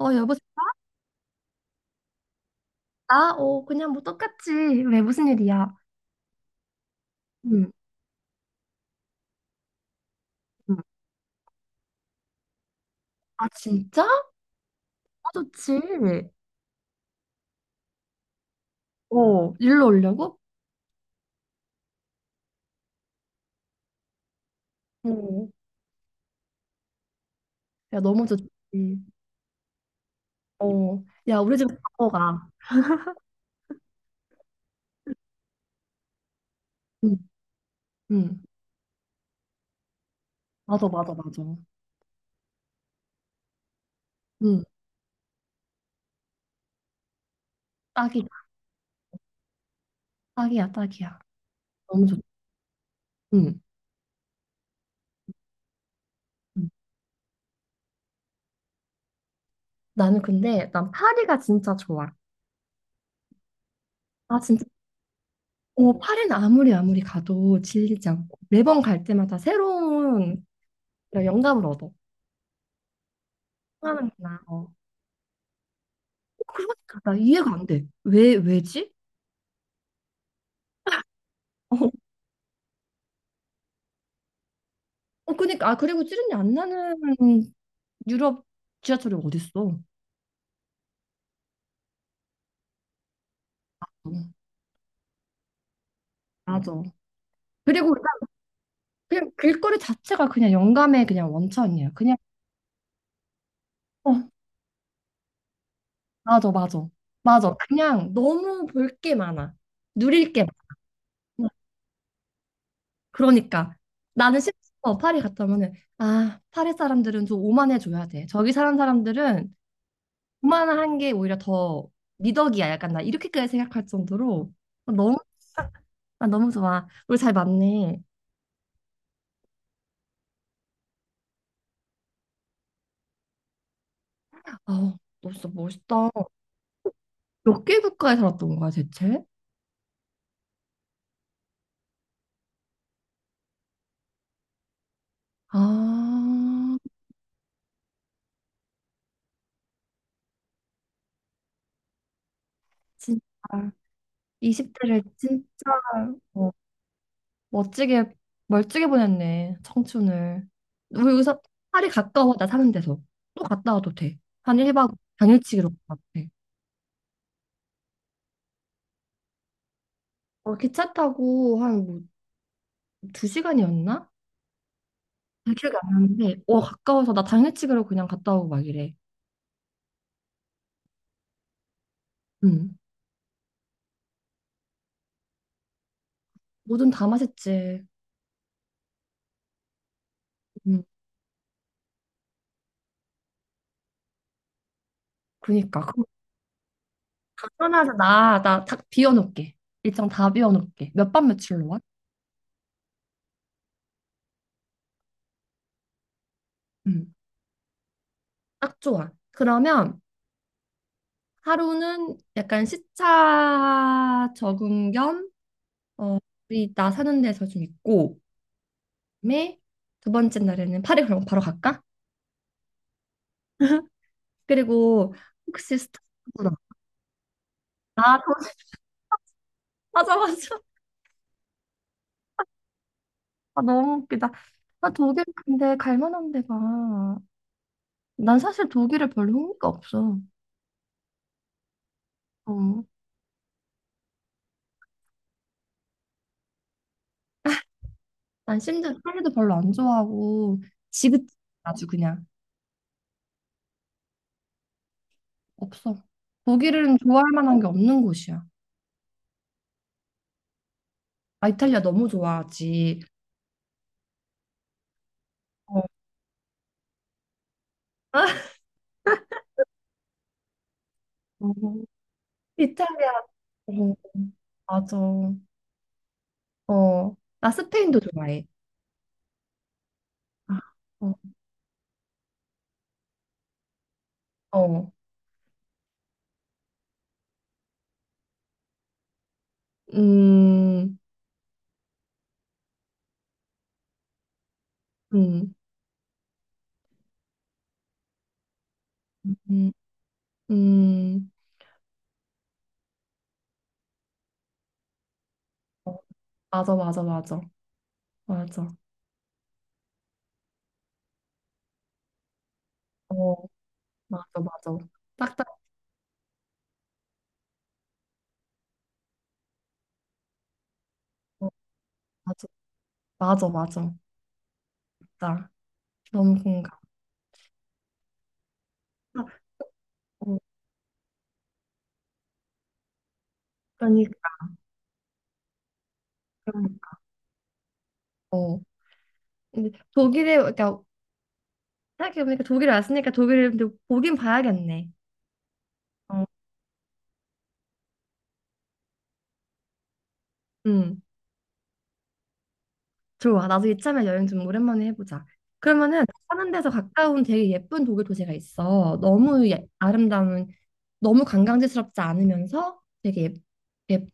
여보세요? 나? 그냥 뭐 똑같지. 왜, 무슨 일이야? 응, 응. 아, 진짜? 아, 좋지. 어, 일로 오려고? 어, 야, 너무 좋지. 어, 야, 우리 집에 바꿔 가. 응, 응. 맞아, 맞아, 맞아. 응, 딱이다. 딱이야, 딱이야. 너무 좋지. 응, 응. 나는 근데, 난 파리가 진짜 좋아. 아, 진짜? 파리는 아무리 가도 질리지 않고, 매번 갈 때마다 새로운 그런 영감을 얻어. 하는구나. 그러니까 나 이해가 안 돼. 왜, 왜지? 어, 그러니까, 아, 그리고 찌른내 안 나는 유럽 지하철이 어딨어. 어, 맞아. 그리고 그냥 길거리 자체가 그냥 영감의 그냥 원천이야. 그냥, 어, 맞아, 맞아. 맞아. 그냥 너무 볼 게 많아. 누릴 게 많아. 그러니까. 나는 심지어 파리 갔다 오면은, 아, 파리 사람들은 좀 오만해줘야 돼. 저기 사는 사람들은 오만한 게 오히려 더 미덕이야. 약간 나 이렇게까지 생각할 정도로 너무, 아, 너무 좋아. 우리 잘 맞네. 아, 너 진짜 멋있다. 몇 개 국가에 살았던 거야, 대체? 아, 진짜. 20대를 진짜, 어, 멋지게, 멀찍이 보냈네, 청춘을. 우리 여기서 파리 가까워, 나 사는 데서. 또 갔다 와도 돼. 한 1박 당일치기로 갔다 와도 돼. 기차 타고 한 뭐, 2시간이었나? 잘 기억이 안 나는데, 어, 가까워서 나 당일치기로 그냥 갔다 오고 막 이래. 응. 뭐든 다 맛있지. 응. 그니까. 당연하지. 나 딱 비워놓을게. 일정 다 비워놓을게. 몇 밤 며칠로 와? 응. 딱 좋아. 그러면 하루는 약간 시차 적응 겸, 어, 우리 나 사는 데서 좀 있고, 그다음에 두 번째 날에는 파리 그럼 바로 갈까? 그리고 혹시 스타벅스나, 아, 도- 맞아, 맞아. 아, 너무 웃기다. 아, 독일 근데 갈 만한 데가. 난 사실 독일에 별로 흥미가 없어. 어. 난 심지어 찰리도 별로 안 좋아하고 지긋, 아주 그냥 없어. 독일은 좋아할 만한 게 없는 곳이야. 아, 이탈리아 너무 좋아하지. 어. 어, 이탈리아. 어, 맞아. 어, 나 스페인도 좋아해. 아, 어, 어. 음, 음, 음, 음. 맞아, 맞아, 맞아, 맞아. 어, 맞아, 맞아. 딱딱. 어, 맞아, 맞아, 맞아. 나 너무 공감. 아, 어, 그러니까. 어. 근데 독일에 그러니까 생각해보니까 독일에 왔으니까 독일을 근데 보긴 봐야겠네. 어, 음, 좋아. 나도 이참에 여행 좀 오랜만에 해보자. 그러면은 사는 데서 가까운 되게 예쁜 독일 도시가 있어. 너무 예, 아름다운, 너무 관광지스럽지 않으면서 되게 예, 예-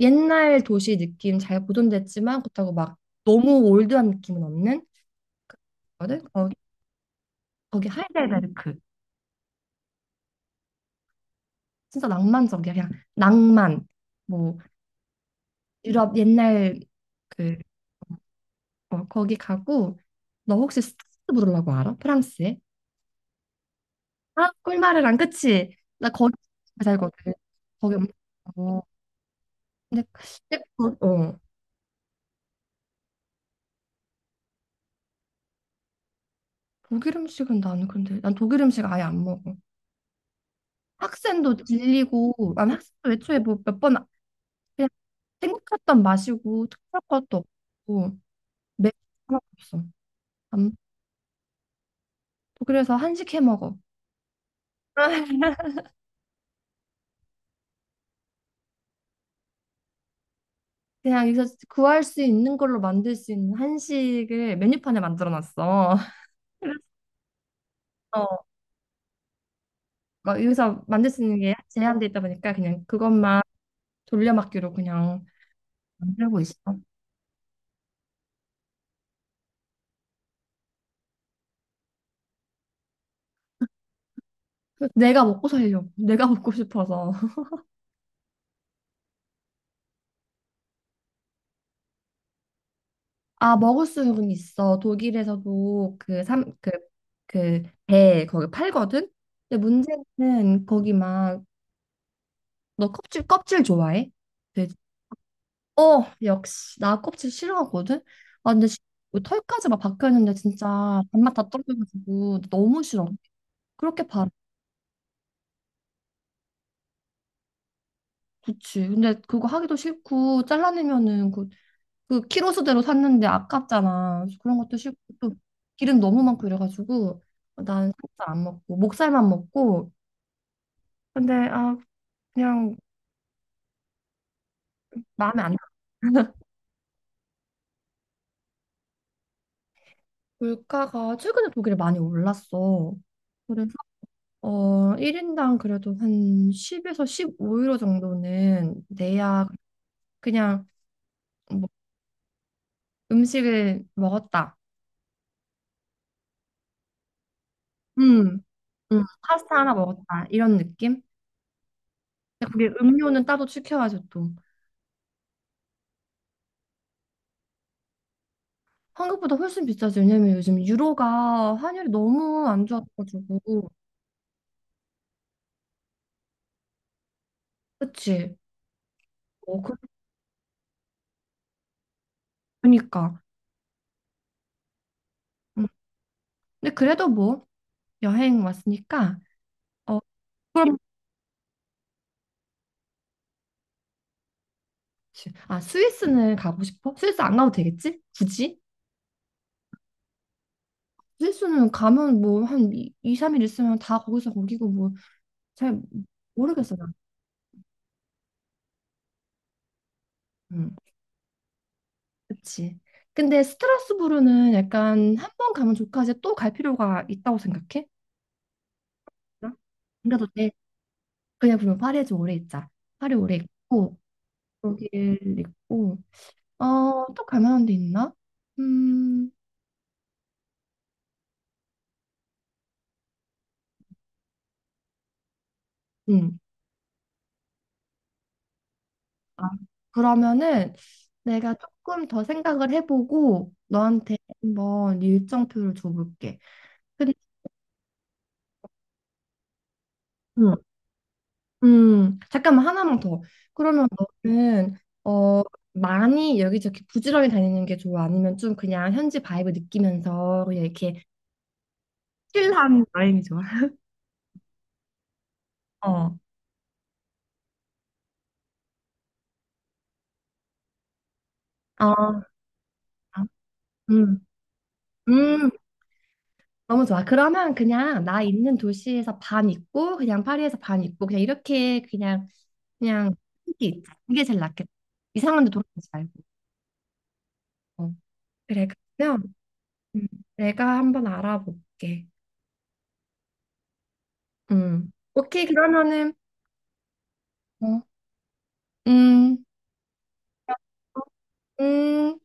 옛날 도시 느낌 잘 보존됐지만 그렇다고 막 너무 올드한 느낌은 없는 거든. 거, 거기 하이델베르크. 진짜 낭만적이야. 그냥 낭만. 뭐 유럽 옛날 그, 어, 거기 가고 너 혹시 스타스 부르려고 알아? 프랑스에? 아, 꿀마르랑 그치? 나 거기 살거든. 거기 엄청 좋아하고. 근데 근데 거- 어, 독일 음식은 나는 근데 난 독일 음식 아예 안 먹어. 학센도 질리고 난 학센도 애초에 뭐 몇 번 그냥 생각했던 맛이고 특별한 것도 없고 매운 거 하나도 없어. 안- 독일에서 한식 해 먹어. 그냥 여기서 구할 수 있는 걸로 만들 수 있는 한식을 메뉴판에 만들어 놨어. 막 여기서 만들 수 있는 게 제한돼 있다 보니까 그냥 그것만 돌려막기로 그냥 만들고 있어. 내가 먹고 살려고. 내가 먹고 싶어서. 아, 먹을 수는 있어. 독일에서도 그 삼, 그, 그 배 거기 팔거든? 근데 문제는 거기 막, 너 껍질 좋아해? 돼지? 어, 역시. 나 껍질 싫어하거든? 아, 근데 시- 털까지 막 박혀있는데 진짜 밥맛 다 떨어져가지고 너무 싫어. 그렇게 팔아. 그치. 근데 그거 하기도 싫고, 잘라내면은 그, 그 키로 수대로 샀는데 아깝잖아. 그래서 그런 것도 싫고, 또 기름 너무 많고 이래가지고, 난 살짝 안 먹고, 목살만 먹고, 근데 아, 그냥 마음에 안 들어. 물가가 최근에 독일에 많이 올랐어. 그래서 어, 1인당 그래도 한 10에서 15유로 정도는 내야 그냥 뭐 음식을 먹었다. 음, 파스타 하나 먹었다. 이런 느낌? 근데 그게 음료는 따로 시켜야죠 또. 한국보다 훨씬 비싸지. 왜냐면 요즘 유로가 환율이 너무 안 좋아가지고. 그치? 어, 그- 그러니까. 음. 근데 그래도 뭐 여행 왔으니까. 어, 그럼 그치. 아, 스위스는 가고 싶어? 스위스 안 가도 되겠지? 굳이? 스위스는 가면 뭐 한 2, 3일 있으면 다 거기서 거기고 뭐 잘 모르겠어 난. 음, 그치. 근데 스트라스부르는 약간 한 번 가면 좋고 이제 또 갈 필요가 있다고 생각해? 안 가도 돼. 그냥 그럼 파리에 좀 오래 있자. 파리 오래 있고 독일 있고 어, 또 갈만한 데 있나? 음, 음. 아, 그러면은 내가 조금 더 생각을 해보고 너한테 한번 일정표를 줘볼게. 근데 음, 잠깐만 하나만 더. 그러면 너는 어 많이 여기저기 부지런히 다니는 게 좋아? 아니면 좀 그냥 현지 바이브 느끼면서 그냥 이렇게 힐한 여행이 좋아? 어, 어, 음, 음. 너무 좋아. 그러면 그냥 나 있는 도시에서 반 있고 그냥 파리에서 반 있고 그냥 이렇게 그냥 그냥 이게 있자. 이게 제일 낫겠다. 이상한 데 돌아가지 말고. 어. 그래. 그러면 음, 내가 한번 알아볼게. 음. 오케이. 그러면은 어. 음. 음.